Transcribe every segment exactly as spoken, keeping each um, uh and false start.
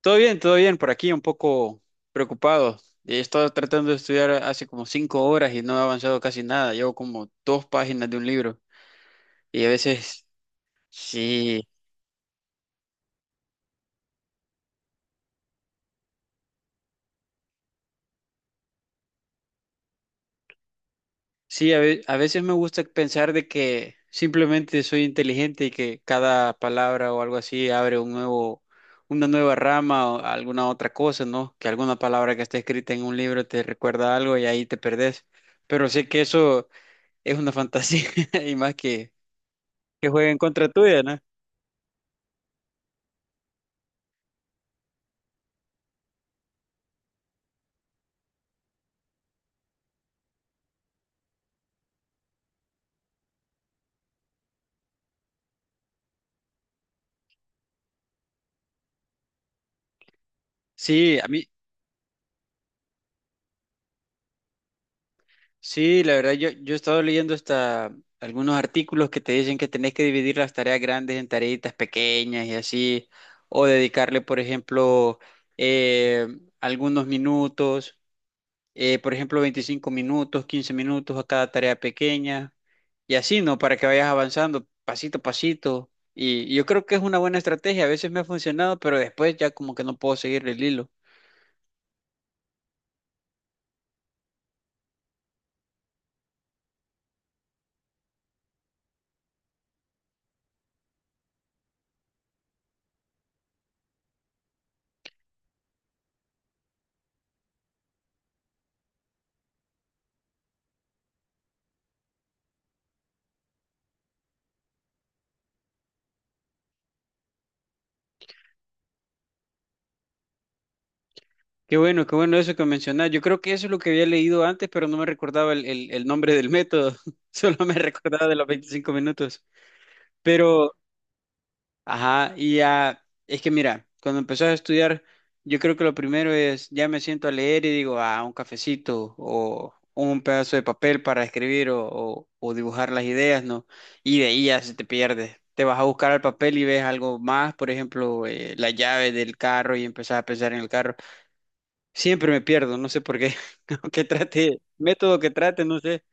Todo bien, todo bien, por aquí un poco preocupado. He estado tratando de estudiar hace como cinco horas y no he avanzado casi nada. Llevo como dos páginas de un libro y a veces, sí, sí, a ve- a veces me gusta pensar de que simplemente soy inteligente y que cada palabra o algo así abre un nuevo, una nueva rama o alguna otra cosa, ¿no? Que alguna palabra que está escrita en un libro te recuerda algo y ahí te perdés. Pero sé que eso es una fantasía y más que, que juega en contra tuya, ¿no? Sí, a mí, sí, la verdad, yo, yo he estado leyendo hasta algunos artículos que te dicen que tenés que dividir las tareas grandes en tareitas pequeñas y así, o dedicarle, por ejemplo, eh, algunos minutos, eh, por ejemplo, veinticinco minutos, quince minutos a cada tarea pequeña, y así, ¿no? Para que vayas avanzando pasito a pasito. Y, y yo creo que es una buena estrategia, a veces me ha funcionado, pero después ya como que no puedo seguir el hilo. Qué bueno, qué bueno eso que mencionás. Yo creo que eso es lo que había leído antes, pero no me recordaba el, el- el nombre del método. Solo me recordaba de los veinticinco minutos. Pero, ajá, y ya, es que mira, cuando empezás a estudiar, yo creo que lo primero es, ya me siento a leer y digo, ah, un cafecito o un pedazo de papel para escribir o, o- o dibujar las ideas, ¿no? Y de ahí ya se te pierde. Te vas a buscar al papel y ves algo más, por ejemplo, eh, la llave del carro y empezás a pensar en el carro. Siempre me pierdo, no sé por qué. Aunque trate, método que trate, no sé.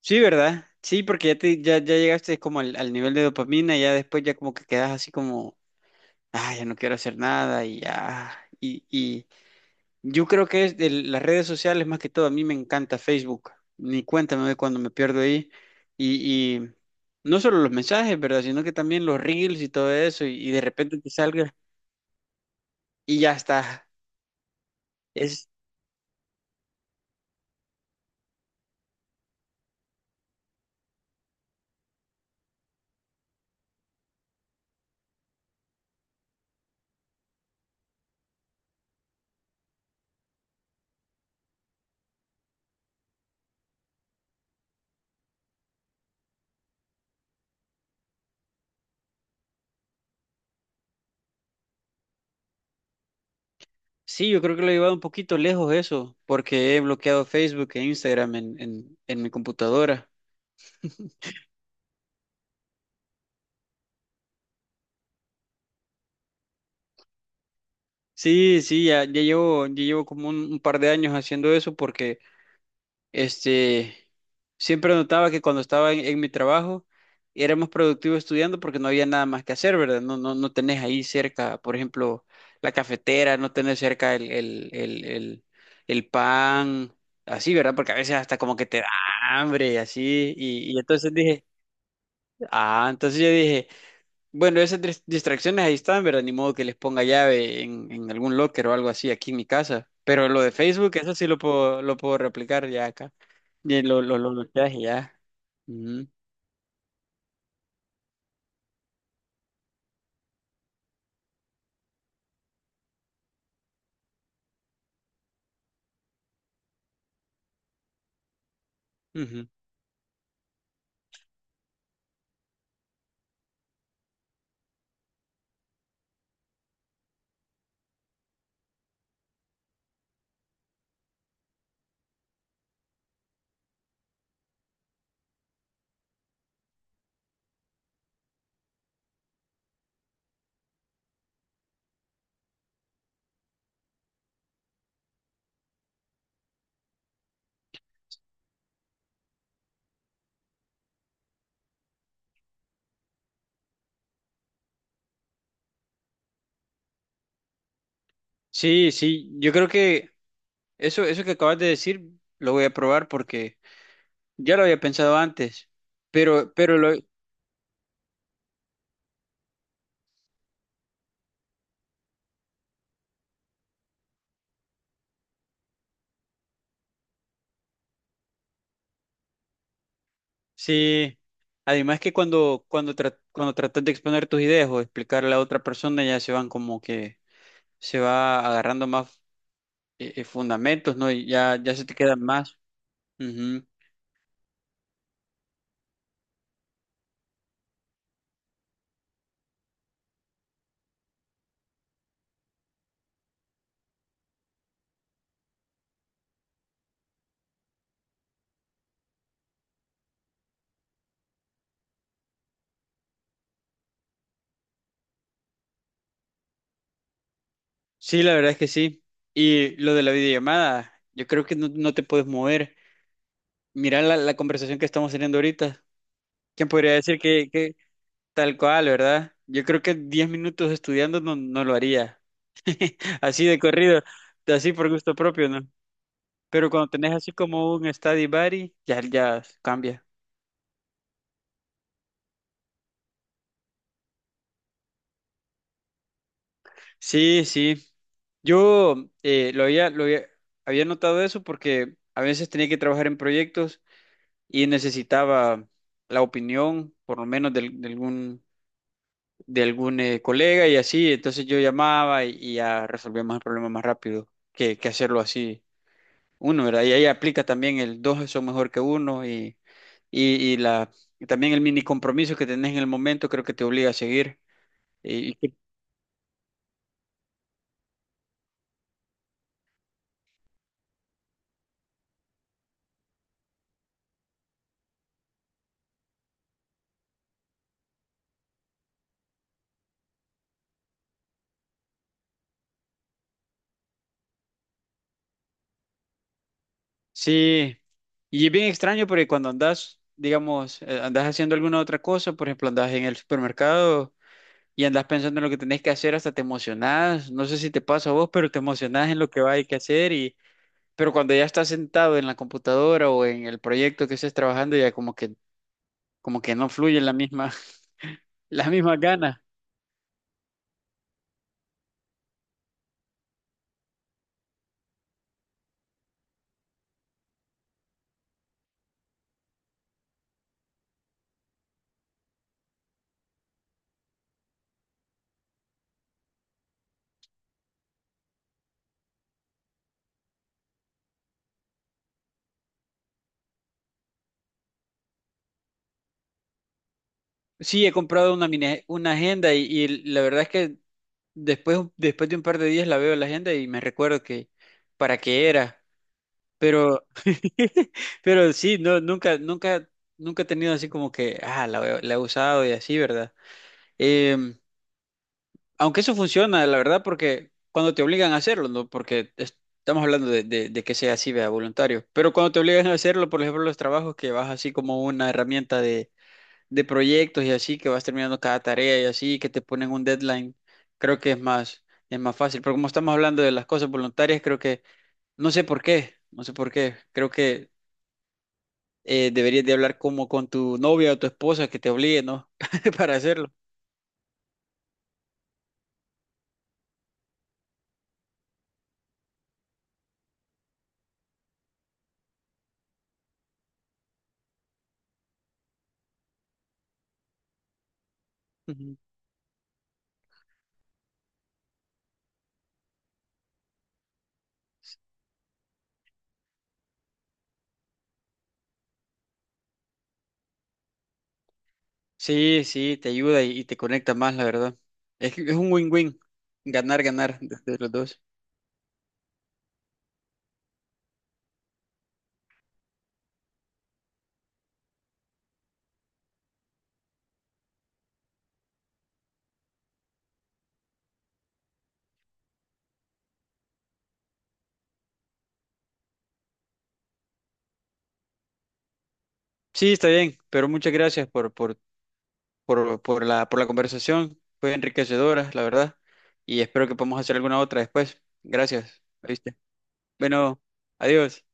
Sí, ¿verdad? Sí, porque ya, te, ya, ya llegaste como al, al, nivel de dopamina, ya después ya como que quedas así como, ah, ya no quiero hacer nada y ya. Y, y yo creo que es de las redes sociales más que todo, a mí me encanta Facebook. Ni cuenta me doy cuando me pierdo ahí. Y, y no solo los mensajes, ¿verdad? Sino que también los reels y todo eso. Y, y de repente te salga y ya está. Sí, yo creo que lo he llevado un poquito lejos eso, porque he bloqueado Facebook e Instagram en, en, en mi computadora. Sí, sí, ya, ya llevo, ya llevo como un, un par de años haciendo eso porque este, siempre notaba que cuando estaba en, en mi trabajo era más productivo estudiando porque no había nada más que hacer, ¿verdad? No, no, no tenés ahí cerca, por ejemplo, la cafetera, no tenés cerca el, el, el, el, el pan, así, ¿verdad? Porque a veces hasta como que te da hambre, así, y, y entonces dije… Ah, entonces yo dije, bueno, esas dis- distracciones ahí están, ¿verdad? Ni modo que les ponga llave en, en algún locker o algo así aquí en mi casa. Pero lo de Facebook, eso sí lo puedo, lo puedo replicar ya acá. Y lo, lo, lo bloqueaje ya. Ujú, ujú. Sí, sí, yo creo que eso, eso que acabas de decir lo voy a probar porque ya lo había pensado antes. Pero, pero lo, sí, además que cuando, cuando, tra- cuando tratas de exponer tus ideas o explicarle a otra persona, ya se van como que se va agarrando más eh, eh, fundamentos, ¿no? Y ya, ya se te quedan más. Ujú. Sí, la verdad es que sí. Y lo de la videollamada, yo creo que no, no te puedes mover. Mira la, la conversación que estamos teniendo ahorita. ¿Quién podría decir que, que tal cual, verdad? Yo creo que diez minutos estudiando no, no lo haría. Así de corrido, así por gusto propio, ¿no? Pero cuando tenés así como un study buddy, ya, ya cambia. Sí, sí. Yo eh, lo había, lo había, había notado eso porque a veces tenía que trabajar en proyectos y necesitaba la opinión, por lo menos del- de, algún, de algún eh, colega y así. Entonces yo llamaba y, y ya resolvíamos el problema más rápido que, que hacerlo así uno, ¿verdad? Y ahí aplica también el dos son mejor que uno y, y, y la, y también el mini compromiso que tenés en el momento creo que te obliga a seguir. Sí, y es bien extraño porque cuando andas, digamos, eh, andas haciendo alguna otra cosa, por ejemplo, andas en el supermercado y andas pensando en lo que tenés que hacer, hasta te emocionás, no sé si te pasa a vos, pero te emocionás en lo que va a que hacer y pero cuando ya estás sentado en la computadora o en el proyecto que estés trabajando ya como que como que no fluyen la misma las mismas ganas. Sí, he comprado una mini- una agenda y, y la verdad es que después después de un par de días la veo en la agenda y me recuerdo que para qué era. Pero, pero sí, no, nunca, nunca, nunca he tenido así como que, ah, la, he la he usado y así, ¿verdad? Em, aunque eso funciona, la verdad, porque cuando te obligan a hacerlo, ¿no? Porque es- estamos hablando de, de- de que sea así, vea, voluntario. Pero cuando te obligan a hacerlo, por ejemplo, los trabajos que vas así como una herramienta de, de proyectos y así, que vas terminando cada tarea y así, que te ponen un deadline, creo que es más, es más, fácil. Pero como estamos hablando de las cosas voluntarias, creo que, no sé por qué, no sé por qué, creo que eh, deberías de hablar como con tu novia o tu esposa que te obligue, ¿no? Para hacerlo. Ujú. Sí, sí, te ayuda y, y te conecta más, la verdad. Es, que es un win-win, ganar, ganar de, de los dos. Sí, está bien, pero muchas gracias por, por, por, por la, por la conversación. Fue enriquecedora, la verdad. Y espero que podamos hacer alguna otra después. Gracias, ¿viste? Bueno, adiós.